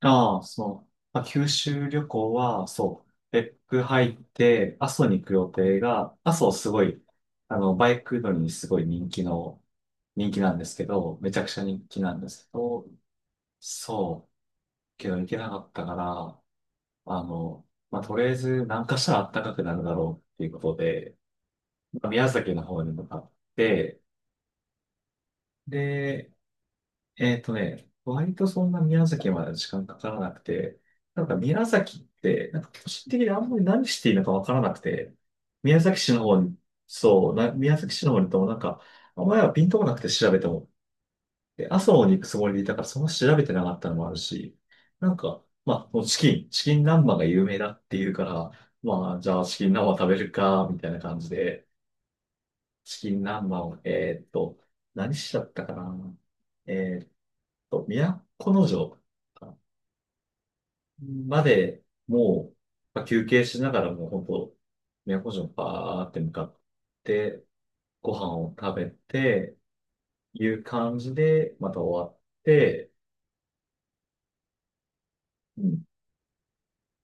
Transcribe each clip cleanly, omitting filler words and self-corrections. ああ、そう。まあ、九州旅行は、そう、別府入って、阿蘇に行く予定が、阿蘇すごい、あの、バイク乗りにすごい人気の、人気なんですけど、めちゃくちゃ人気なんですけど、そう、けど行けなかったから、まあの、まあ、とりあえず南下したら暖かくなるだろうっていうことで、まあ宮崎の方に向かって、で、えっとね、割とそんな宮崎まで時間かからなくて、なんか宮崎って、なんか個人的にあんまり何していいのかわからなくて、宮崎市の方に、そう、宮崎市の方に行ってもなんか、あんまりはピンとこなくて調べても、で、阿蘇に行くつもりでいたからそんな調べてなかったのもあるし、なんか、まあ、もうチキン南蛮が有名だっていうから、まあ、じゃあチキン南蛮食べるか、みたいな感じで、チキン南蛮を、何しちゃったかな。えーっと、都城までもう、まあ休憩しながらもう本当、都城バーって向かって、ご飯を食べて、いう感じで、また終わって、うん。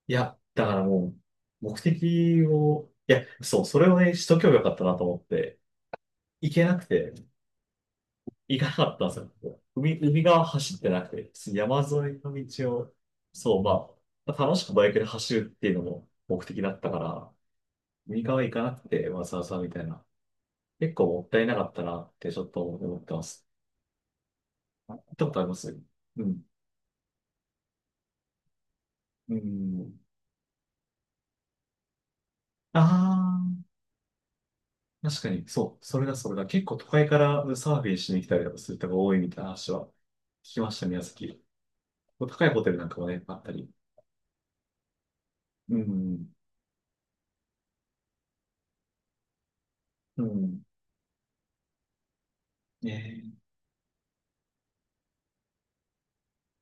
いや、だからもう、目的を、いや、そう、それをね、しとけばよかったなと思って、行けなくて、行かなかったんですよ。ここ海、海側走ってなくて、山沿いの道を、そう、まあ、楽しくバイクで走るっていうのも目的だったから、右側行かなくて、わざわざみたいな。結構もったいなかったなってちょっと思ってます。あ行ったことありますうん。うん。ああ、確かに、そう、それだ、それだ。結構都会からサーフィンしに来たりとかする人が多いみたいな話は聞きました、宮崎。高いホテルなんかもね、あったり。うん。うん。ね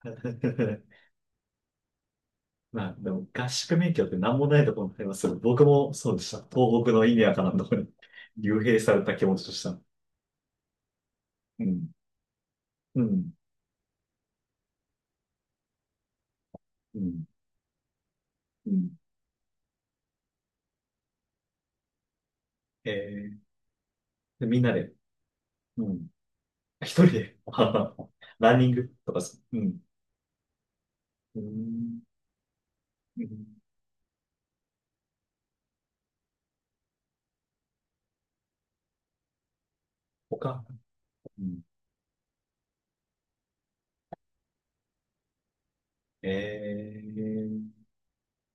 え。まあ、でも合宿免許って何もないところにありますけど、僕もそうでした。東北の意味わからんところに 幽閉された気持ちとした。うん。うん。うん。うんえー、でみんなで、うん。一人で、ランニングとかす、うん。うん。うん他、うん。えー、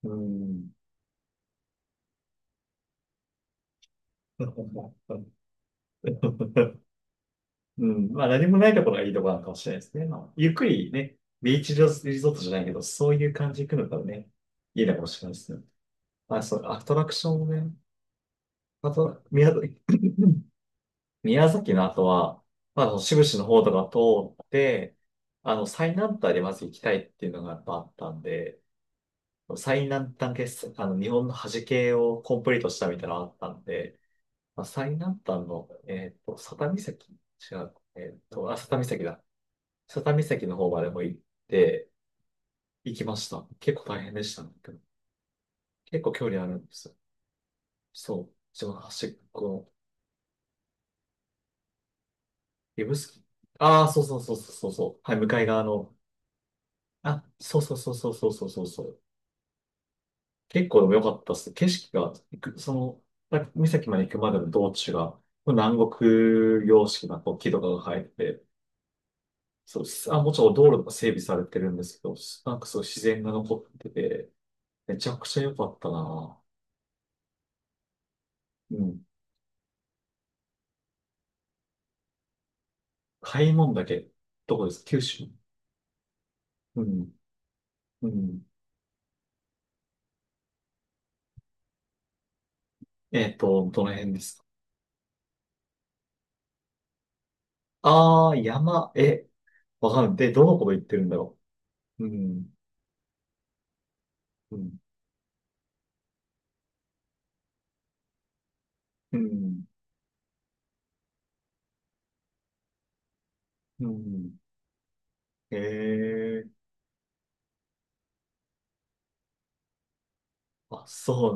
うん。うん。まあ何もないところがいいところなのかもしれないですね。まあ、ゆっくりね、ビーチリゾートじゃないけど、そういう感じで行くのがね、いいのかもしれないですね。まあ、そう、アトラクションもね、あと、宮崎 宮崎の後は、まあ、あの、志布志の方とか通って、あの、最南端でまず行きたいっていうのがやっぱあったんで、最南端決、あの、日本の端系をコンプリートしたみたいなのがあったんで、まあ、最南端の、えっと、佐多岬違う、えっと、あ、佐多岬だ。佐多岬の方までも行って、行きました。結構大変でしたね。けど結構距離あるんですよ。そう。一番端っこの指宿。ああ、そうそうそうそうそうそう。はい、向かい側のあ、そうそうそうそうそうそうそうそう。結構でも良かったっす。景色が、行くその、滝岬まで行くまでの道中が、南国様式なこう木とかが生えてて、そうす、あ、もちろん道路とか整備されてるんですけど、すなんかそう自然が残ってて、めちゃくちゃ良かったな。うん。開門岳、どこですか九州うん。うん。えっと、どの辺ですかああー、山、え、わかんない。で、どのこと言ってるんだろう。うん。うん。うん。うん。ええあ、そ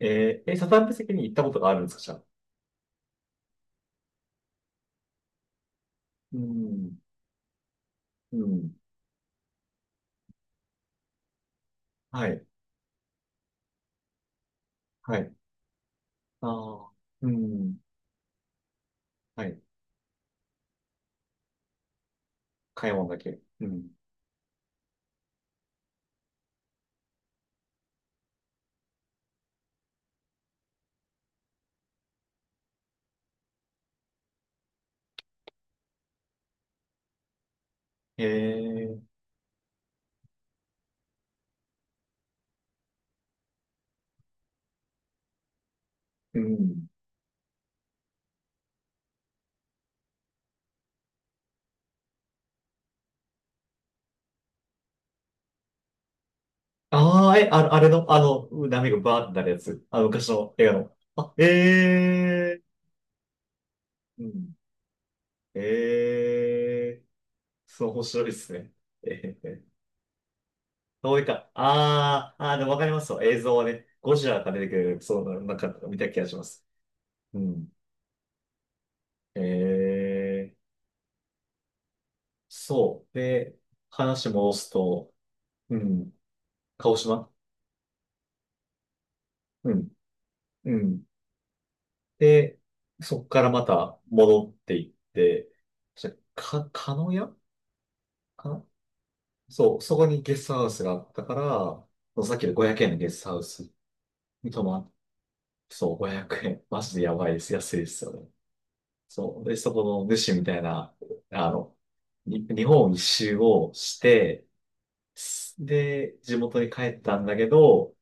う。えー、え、サタンプ席に行ったことがあるんですか、じゃあ。うん、うん、はい、はい。ああ、うん、はい。買い物だけ。うん。ええうん。ああ、え、あの、あれの、あの、波がバーってなるやつ。あの、昔の映画の。あ、ええうん。ええそう、面白いですね。ええどういうか、ああ、ああ、でもわかりますよ。映像はね、ゴジラが出てくる、そう、なんか見た気がします。うん。ええそう。で、話戻すと、うん、鹿児島うん、うん。で、そこからまた戻っていって、じゃ、か、鹿屋かなそう、そこにゲストハウスがあったから、そのさっきの500円のゲストハウスに泊まってそう、500円。マジでやばいです。安いですよね。そう。で、そこの主みたいな、あの、に日本一周をして、すで、地元に帰ったんだけど、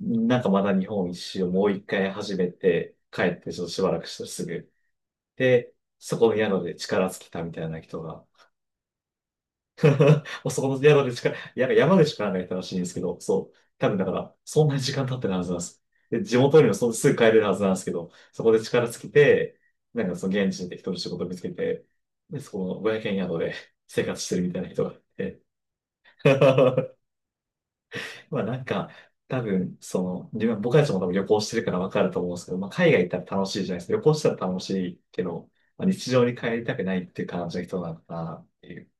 なんかまだ日本一周をもう一回始めて、帰ってちょっとしばらくしたらすぐ。で、そこの宿で力尽きたみたいな人が、そこの宿で力、や山口からがいたらしいんですけど、そう。多分だから、そんなに時間経ってるはずなんです。で、地元にもそんすぐ帰れるはずなんですけど、そこで力尽きて、なんかその現地で適当に仕事見つけて、で、そこの500円宿で生活してるみたいな人がいて。まあなんか、多分、その、自分、僕たちも多分旅行してるから分かると思うんですけど、まあ海外行ったら楽しいじゃないですか。旅行したら楽しいけど、まあ、日常に帰りたくないっていう感じの人なのかなっていう。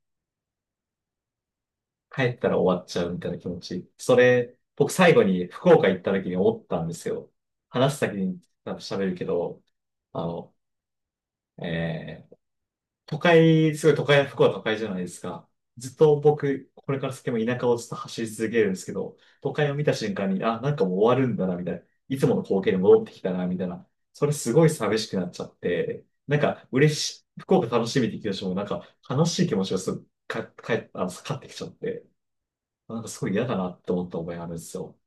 帰ったら終わっちゃうみたいな気持ち。それ、僕最後に福岡行った時に思ったんですよ。話す先に多分喋るけど、あの、えー都会、すごい都会、福岡都会じゃないですか。ずっと僕、これから先も田舎をずっと走り続けるんですけど、都会を見た瞬間に、あ、なんかもう終わるんだな、みたいな。いつもの光景に戻ってきたな、みたいな。それすごい寂しくなっちゃって、なんか嬉しい、福岡楽しみって気持ちも、なんか悲しい気持ちがすぐか、かえ、あの、かかってきちゃって、なんかすごい嫌だなって思った思いがあるんですよ。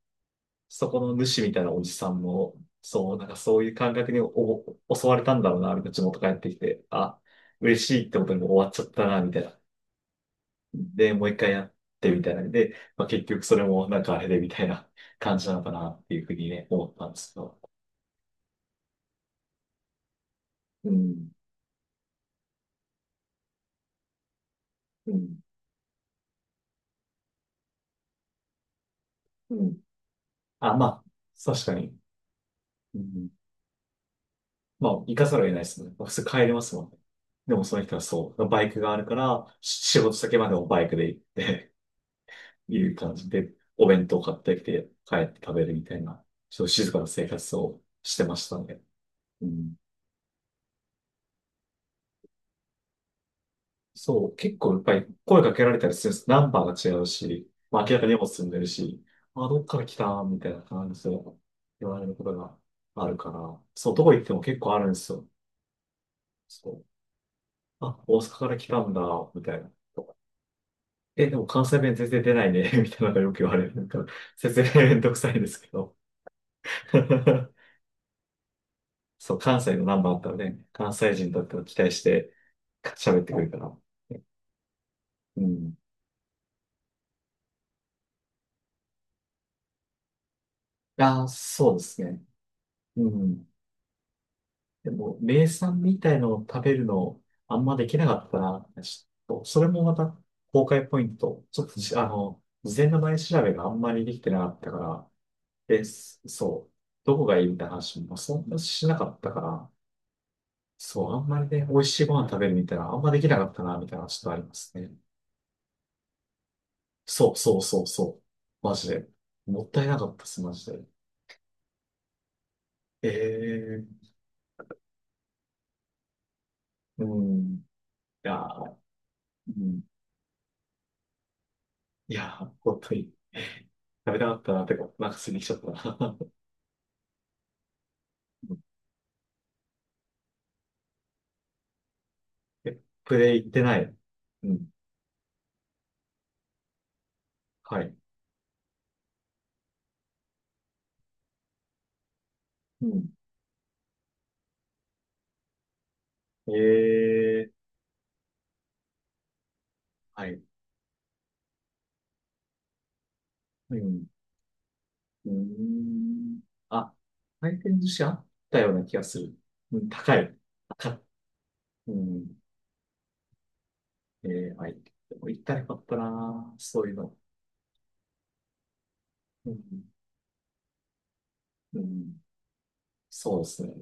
そこの主みたいなおじさんも、そう、なんかそういう感覚に襲われたんだろうな、みたいな、地元帰ってきて、あ、嬉しいってことにもう終わっちゃったな、みたいな。で、もう一回やってみたいな。で、まあ、結局それもなんかあれでみたいな感じなのかなっていうふうにね、思ったんですけど。うん、うん、うん。あ、まあ、確かに。うん、まあ、行かざるを得ないですもんね。普通帰れますもんね。でもその人はそう、バイクがあるから、仕事先までもバイクで行っていう感じで、お弁当買ってきて帰って食べるみたいな、ちょっと静かな生活をしてましたね。うんそう、結構やっぱり声かけられたりするんです。ナンバーが違うし、まあ明らかに荷物積んでるし、あ、どっから来たみたいな感じで言われることがあるから、そう、どこ行っても結構あるんですよ。そう。あ、大阪から来たんだ、みたいな。え、でも関西弁全然出ないね、みたいなのがよく言われる。なんか、説明めんどくさいんですけど。そう、関西のナンバーあったので、関西人だったら期待して喋ってくるから。うん。ああ、そうですね。うん。でも、名産みたいのを食べるの、あんまできなかったな。ちょっと、それもまた、崩壊ポイント。ちょっとじ、あの、事前の前調べがあんまりできてなかったから、で、すそう、どこがいいみたいな話もそんなしなかったから、そう、あんまりね、美味しいご飯食べるみたいな、あんまできなかったな、みたいな、ちょっとありますね。そうそうそうそう。マジで。もったいなかったっす、マジで。ええうん。いやー、うん。いやー、本当に。食べたかったな、てか、なんか過ぎちゃったな。うんえ、プレイ行ってない。うん。はい。うん。ええはい。うん。うーん。あ、回転寿司あったような気がする。うん、高い。高い。うん。ええはい。でも行ったらよかったな、そういうの。うん。うん。そうですね。